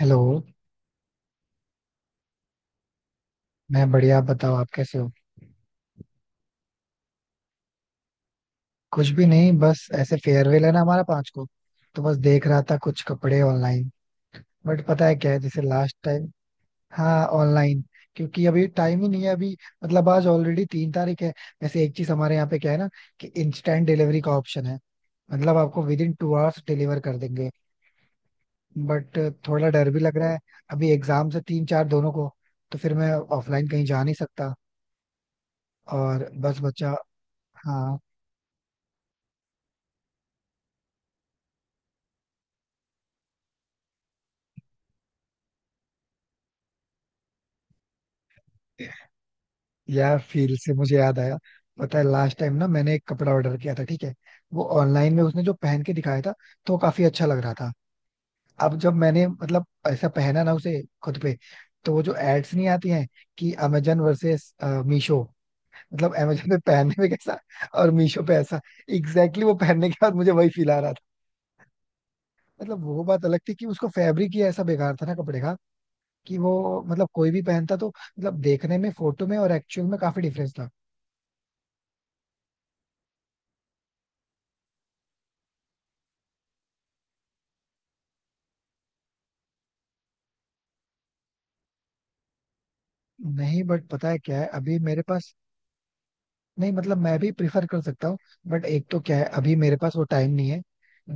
Hello. मैं बढ़िया, आप बताओ आप कैसे हो? कुछ भी नहीं, बस ऐसे फेयरवेल है ना हमारा 5 को। तो बस देख रहा था कुछ कपड़े ऑनलाइन। बट पता है क्या है, जैसे लास्ट टाइम। हाँ, ऑनलाइन। क्योंकि अभी टाइम ही नहीं है अभी। मतलब आज ऑलरेडी 3 तारीख है। वैसे एक चीज हमारे यहाँ पे क्या है ना, कि इंस्टेंट डिलीवरी का ऑप्शन है। मतलब आपको विद इन 2 आवर्स डिलीवर कर देंगे। बट थोड़ा डर भी लग रहा है। अभी एग्जाम से 3-4 दोनों को। तो फिर मैं ऑफलाइन कहीं जा नहीं सकता, और बस बच्चा। हाँ। यार फील से मुझे याद आया। पता है लास्ट टाइम ना मैंने एक कपड़ा ऑर्डर किया था, ठीक है। वो ऑनलाइन में उसने जो पहन के दिखाया था, तो वो काफी अच्छा लग रहा था। अब जब मैंने मतलब ऐसा पहना ना उसे खुद पे, तो वो जो एड्स नहीं आती हैं कि अमेजन वर्सेस मीशो। मतलब अमेजन पे पहनने में कैसा, और मीशो पे ऐसा। एग्जैक्टली exactly, वो पहनने के बाद मुझे वही फील आ रहा था। मतलब वो बात अलग थी कि उसको फैब्रिक ही ऐसा बेकार था ना कपड़े का, कि वो मतलब कोई भी पहनता तो मतलब देखने में फोटो में और एक्चुअल में काफी डिफरेंस था। नहीं, बट पता है क्या है अभी मेरे पास। नहीं, मतलब मैं भी प्रिफर कर सकता हूँ। बट एक तो क्या है, अभी मेरे पास वो टाइम नहीं है।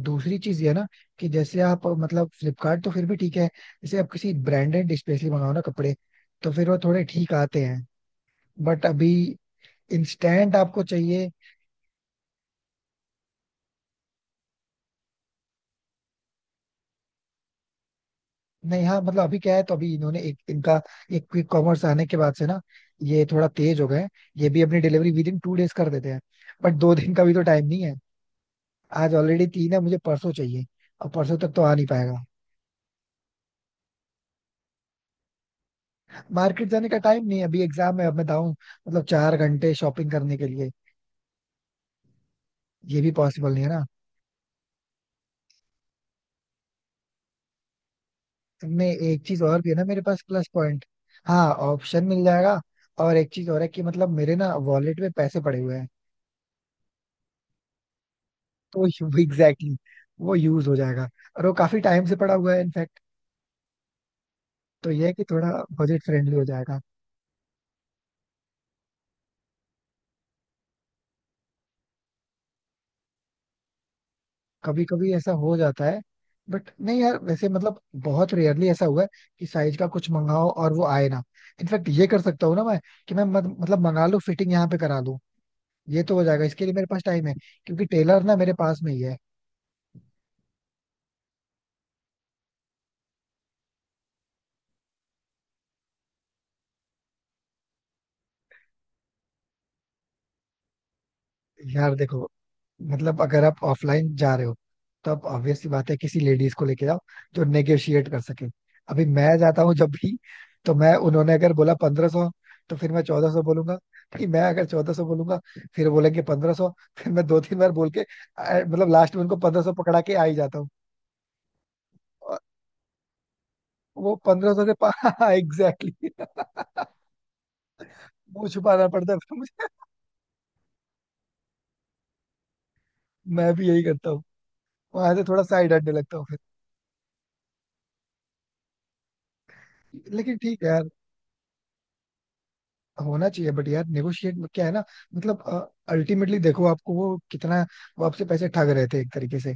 दूसरी चीज ये है ना, कि जैसे आप मतलब फ्लिपकार्ट तो फिर भी ठीक है। जैसे आप किसी ब्रांडेड स्पेशली मंगाओ ना कपड़े, तो फिर वो थोड़े ठीक आते हैं। बट अभी इंस्टेंट आपको चाहिए। नहीं, हाँ मतलब अभी क्या है, तो अभी इन्होंने एक इनका, एक क्विक कॉमर्स आने के बाद से ना, ये थोड़ा तेज हो गए हैं। ये भी अपनी डिलीवरी विद इन 2 डेज कर देते हैं। बट 2 दिन का भी तो टाइम नहीं है। आज ऑलरेडी 3 है, मुझे परसों चाहिए। और परसों तक तो आ नहीं पाएगा। मार्केट जाने का टाइम नहीं है, अभी एग्जाम है, अब मैं जाऊँ मतलब 4 घंटे शॉपिंग करने के लिए? ये भी पॉसिबल नहीं है ना। मैं एक चीज और भी है ना मेरे पास प्लस पॉइंट। हाँ ऑप्शन मिल जाएगा। और एक चीज और है कि मतलब मेरे ना वॉलेट में पैसे पड़े हुए हैं। तो एग्जैक्टली exactly, वो यूज हो जाएगा। और वो काफी टाइम से पड़ा हुआ है इनफैक्ट। तो ये है कि थोड़ा बजट फ्रेंडली हो जाएगा। कभी कभी ऐसा हो जाता है, बट नहीं यार, वैसे मतलब बहुत रेयरली ऐसा हुआ है कि साइज का कुछ मंगाओ और वो आए ना। इनफैक्ट ये कर सकता हूँ ना मैं, कि मैं मत, मतलब मंगा लूँ, फिटिंग यहाँ पे करा लूँ। ये तो हो जाएगा, इसके लिए मेरे पास टाइम है। क्योंकि टेलर ना मेरे पास में ही है। यार देखो, मतलब अगर आप ऑफलाइन जा रहे हो, तो आप ऑब्वियस सी बात है किसी लेडीज को लेके जाओ जो नेगोशिएट कर सके। अभी मैं जाता हूँ जब भी, तो मैं उन्होंने अगर बोला 1500, तो फिर मैं 1400 बोलूंगा। फिर मैं अगर 1400 बोलूंगा, फिर वो बोलेंगे 1500। फिर मैं 2-3 बार बोल के मतलब लास्ट में उनको 1500 पकड़ा के आ ही जाता हूँ। और वो 1500 के एग्जैक्टली। वो छुपाना पड़ता था मुझे, मैं भी यही करता हूँ। वहां से थोड़ा साइड हटने लगता हूँ फिर। लेकिन ठीक है यार, होना चाहिए। बट यार नेगोशिएट में क्या है ना, मतलब अल्टीमेटली देखो, आपको वो कितना, वो आपसे पैसे ठग रहे थे एक तरीके से।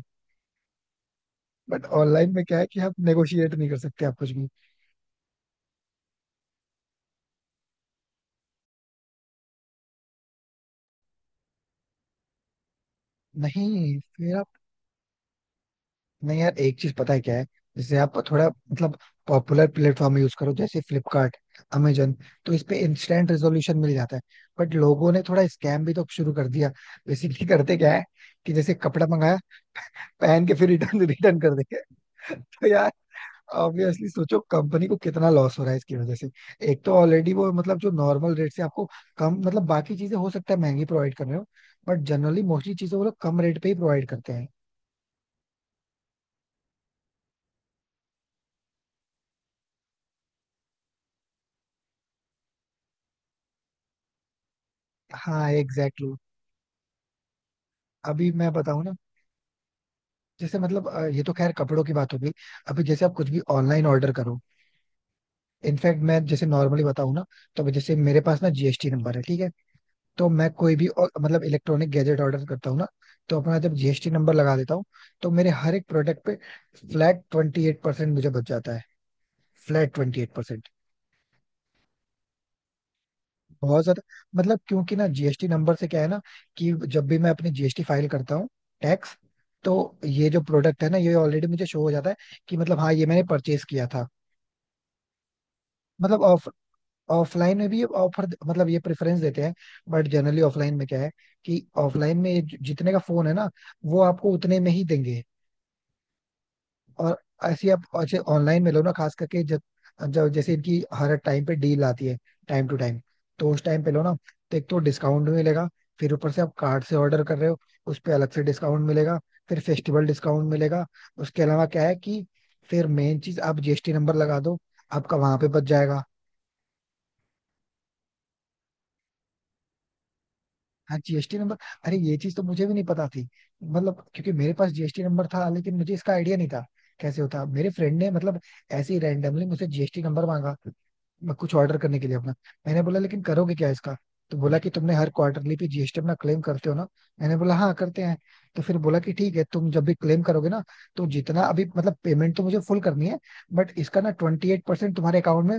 बट ऑनलाइन में क्या है कि आप नेगोशिएट नहीं कर सकते आप कुछ भी। नहीं फिर आप, नहीं यार एक चीज पता है क्या है। जैसे आप थोड़ा मतलब पॉपुलर प्लेटफॉर्म यूज करो, जैसे फ्लिपकार्ट, अमेजन, तो इस पे इंस्टेंट रेजोल्यूशन मिल जाता है। बट लोगों ने थोड़ा स्कैम भी तो शुरू कर दिया। बेसिकली करते क्या है, कि जैसे कपड़ा मंगाया, पहन के फिर रिटर्न रिटर्न कर देंगे। तो यार ऑब्वियसली सोचो कंपनी को कितना लॉस हो रहा है इसकी वजह से। एक तो ऑलरेडी वो मतलब जो नॉर्मल रेट से आपको कम, मतलब बाकी चीजें हो सकता है महंगी प्रोवाइड कर रहे हो, बट जनरली मोस्टली चीजें वो लोग कम रेट पे ही प्रोवाइड करते हैं। हाँ एग्जैक्टली exactly. अभी मैं बताऊं ना, जैसे मतलब ये तो खैर कपड़ों की बात हो गई। अभी जैसे आप कुछ भी ऑनलाइन ऑर्डर करो। इनफैक्ट मैं जैसे नॉर्मली बताऊं ना, तो अभी जैसे मेरे पास ना जीएसटी नंबर है, ठीक है। तो मैं कोई भी और, मतलब इलेक्ट्रॉनिक गैजेट ऑर्डर करता हूँ ना, तो अपना जब जीएसटी नंबर लगा देता हूँ, तो मेरे हर एक प्रोडक्ट पे फ्लैट 28% मुझे बच जाता है। फ्लैट ट्वेंटी एट परसेंट, बहुत ज्यादा। मतलब क्योंकि ना जीएसटी नंबर से क्या है ना, कि जब भी मैं अपनी जीएसटी फाइल करता हूँ टैक्स, तो ये जो प्रोडक्ट है ना ये ऑलरेडी मुझे शो हो जाता है, कि मतलब हाँ ये मैंने परचेज किया था। मतलब ऑफ ऑफलाइन में भी ऑफर मतलब ये प्रेफरेंस देते हैं। बट जनरली ऑफलाइन में क्या है, कि ऑफलाइन में जितने का फोन है ना, वो आपको उतने में ही देंगे। और ऐसी आप अच्छे ऑनलाइन में लो ना, खास करके जब, जब जैसे इनकी हर टाइम पे डील आती है, टाइम टू टाइम, तो उस टाइम पे लो ना। तो एक तो डिस्काउंट भी मिलेगा, फिर ऊपर से आप कार्ड से ऑर्डर कर रहे हो, उस पे अलग से डिस्काउंट मिलेगा, फिर फेस्टिवल डिस्काउंट मिलेगा। उसके अलावा क्या है कि, फिर मेन चीज आप जीएसटी नंबर लगा दो, आपका वहां पे बच जाएगा। हाँ जीएसटी नंबर। अरे ये चीज तो मुझे भी नहीं पता थी। मतलब क्योंकि मेरे पास जीएसटी नंबर था लेकिन मुझे इसका आइडिया नहीं था, कैसे होता। मेरे फ्रेंड ने मतलब ऐसे ही रैंडमली मुझसे जीएसटी नंबर मांगा, मैं कुछ ऑर्डर करने के लिए अपना। मैंने बोला लेकिन करोगे क्या इसका। तो बोला कि तुमने हर क्वार्टरली पे जीएसटी अपना क्लेम करते हो ना। मैंने बोला हाँ करते हैं। तो फिर बोला कि ठीक है, तुम जब भी क्लेम करोगे ना, तो जितना अभी मतलब पेमेंट तो मुझे फुल करनी है, बट इसका ना 28% तुम्हारे अकाउंट में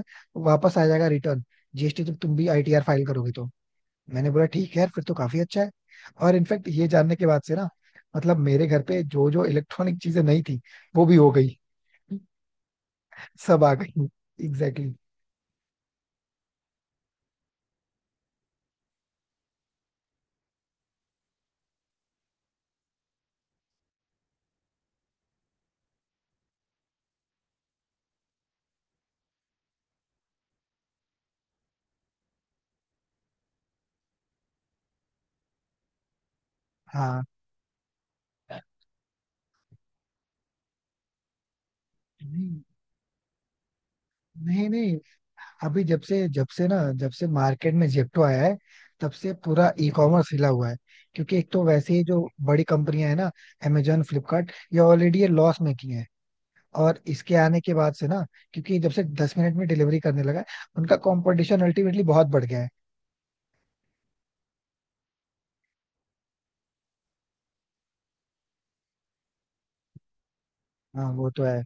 वापस आ जाएगा, रिटर्न जीएसटी जब तुम भी आईटीआर फाइल करोगे तो। मैंने बोला ठीक है यार, फिर तो काफी अच्छा है। और इनफैक्ट ये जानने के बाद से ना, मतलब मेरे घर पे जो जो इलेक्ट्रॉनिक चीजें नहीं थी वो भी हो गई, सब आ गई। Exactly exactly. हाँ, नहीं नहीं नहीं, अभी जब से मार्केट में जेप्टो आया है, तब से पूरा ई कॉमर्स हिला हुआ है। क्योंकि एक तो वैसे ही जो बड़ी कंपनियां हैं ना, अमेजोन फ्लिपकार्ट, ये ऑलरेडी ये लॉस मेकिंग है। और इसके आने के बाद से ना, क्योंकि जब से 10 मिनट में डिलीवरी करने लगा है, उनका कंपटीशन अल्टीमेटली बहुत बढ़ गया है। हाँ वो तो है।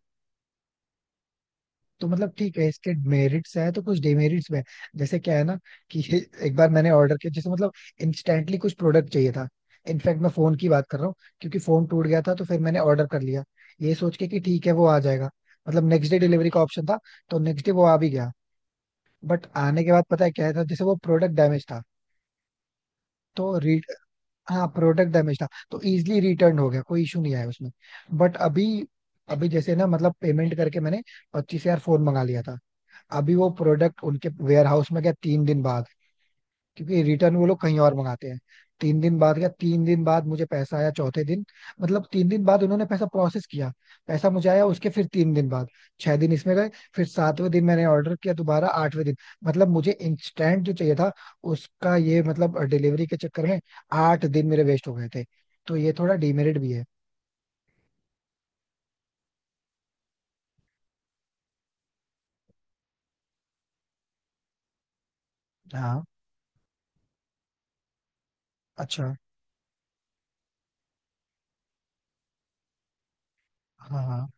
तो मतलब ठीक है, इसके मेरिट्स हैं तो कुछ डिमेरिट्स भी हैं। जैसे क्या है ना, कि एक बार मैंने ऑर्डर किया जैसे मतलब इंस्टेंटली कुछ प्रोडक्ट चाहिए था। इनफैक्ट मैं फोन की बात कर रहा हूँ, क्योंकि फोन टूट गया था, तो फिर मैंने ऑर्डर कर लिया, ये सोच के कि ठीक है वो आ जाएगा। मतलब नेक्स्ट डे डिलीवरी का ऑप्शन था, तो नेक्स्ट डे वो आ भी गया। बट आने के बाद पता है क्या था, जैसे वो प्रोडक्ट डैमेज था। तो री हाँ, प्रोडक्ट डैमेज था, तो इजिली रिटर्न हो गया, कोई इशू नहीं आया उसमें। बट अभी, अभी जैसे ना मतलब पेमेंट करके मैंने 25,000 फोन मंगा लिया था। अभी वो प्रोडक्ट उनके वेयर हाउस में गया 3 दिन बाद, क्योंकि रिटर्न वो लोग कहीं और मंगाते हैं। 3 दिन बाद गया, 3 दिन बाद मुझे पैसा आया चौथे दिन। मतलब 3 दिन बाद उन्होंने पैसा प्रोसेस किया, पैसा मुझे आया उसके फिर 3 दिन बाद। 6 दिन इसमें गए, फिर सातवें दिन मैंने ऑर्डर किया दोबारा, आठवें दिन। मतलब मुझे इंस्टेंट जो चाहिए था, उसका ये मतलब डिलीवरी के चक्कर में 8 दिन मेरे वेस्ट हो गए थे। तो ये थोड़ा डिमेरिट भी है। हाँ, अच्छा, हाँ हाँ,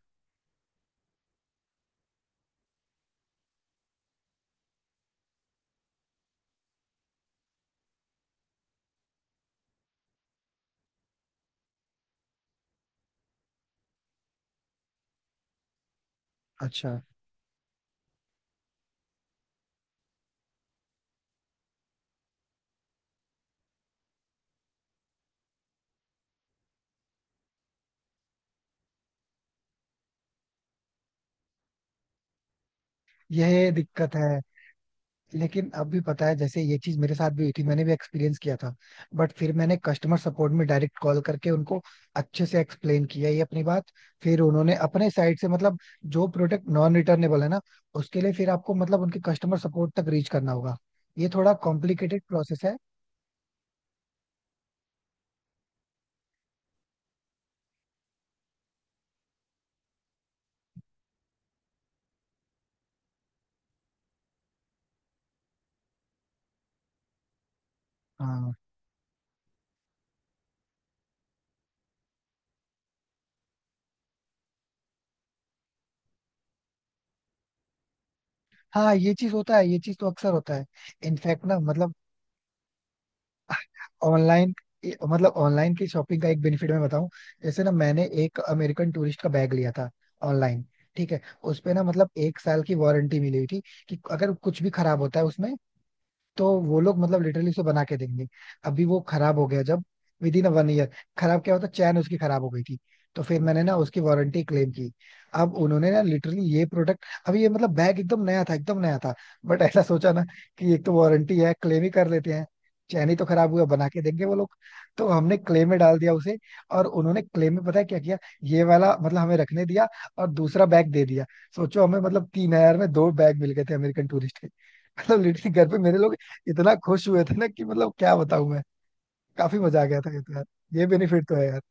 अच्छा। यह दिक्कत है। लेकिन अब भी पता है, जैसे ये चीज मेरे साथ भी हुई थी, मैंने भी एक्सपीरियंस किया था। बट फिर मैंने कस्टमर सपोर्ट में डायरेक्ट कॉल करके उनको अच्छे से एक्सप्लेन किया ये अपनी बात। फिर उन्होंने अपने साइड से मतलब, जो प्रोडक्ट नॉन रिटर्नेबल है ना, उसके लिए फिर आपको मतलब उनके कस्टमर सपोर्ट तक रीच करना होगा। ये थोड़ा कॉम्प्लिकेटेड प्रोसेस है। हाँ हाँ, ये चीज होता है, ये चीज तो अक्सर होता है। इनफैक्ट ना मतलब ऑनलाइन, मतलब ऑनलाइन की शॉपिंग का एक बेनिफिट मैं बताऊं। जैसे ना मैंने एक अमेरिकन टूरिस्ट का बैग लिया था ऑनलाइन, ठीक है। उस पे ना मतलब एक साल की वारंटी मिली हुई थी, कि अगर कुछ भी खराब होता है उसमें, तो वो लोग मतलब लिटरली उसे बना के देंगे। अभी वो खराब हो गया जब, विद इन 1 ईयर। खराब क्या होता, चैन उसकी खराब हो गई थी। तो फिर मैंने ना उसकी वारंटी क्लेम की। अब उन्होंने ना लिटरली ये प्रोडक्ट, अभी ये मतलब बैग एकदम नया था, एकदम नया था। बट ऐसा सोचा ना कि एक तो वारंटी है, क्लेम ही कर लेते हैं। चैन ही तो खराब हुआ, बना के देंगे वो लोग। तो हमने क्लेम में डाल दिया उसे। और उन्होंने क्लेम में पता है क्या किया, ये वाला मतलब हमें रखने दिया, और दूसरा बैग दे दिया। सोचो, हमें मतलब 3000 में दो बैग मिल गए थे अमेरिकन टूरिस्ट के। मतलब लिटरली घर पे मेरे लोग इतना खुश हुए थे ना कि मतलब क्या बताऊं मैं। काफी मजा आ गया था ये तो यार। ये बेनिफिट तो है यार।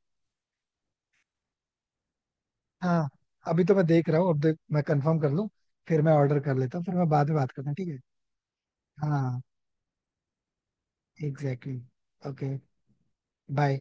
हाँ, अभी तो मैं देख रहा हूँ। अब देख, मैं कंफर्म कर लूँ, फिर मैं ऑर्डर कर लेता हूँ, फिर मैं बाद में बात करता हूँ, ठीक है। हाँ एग्जैक्टली। ओके। बाय।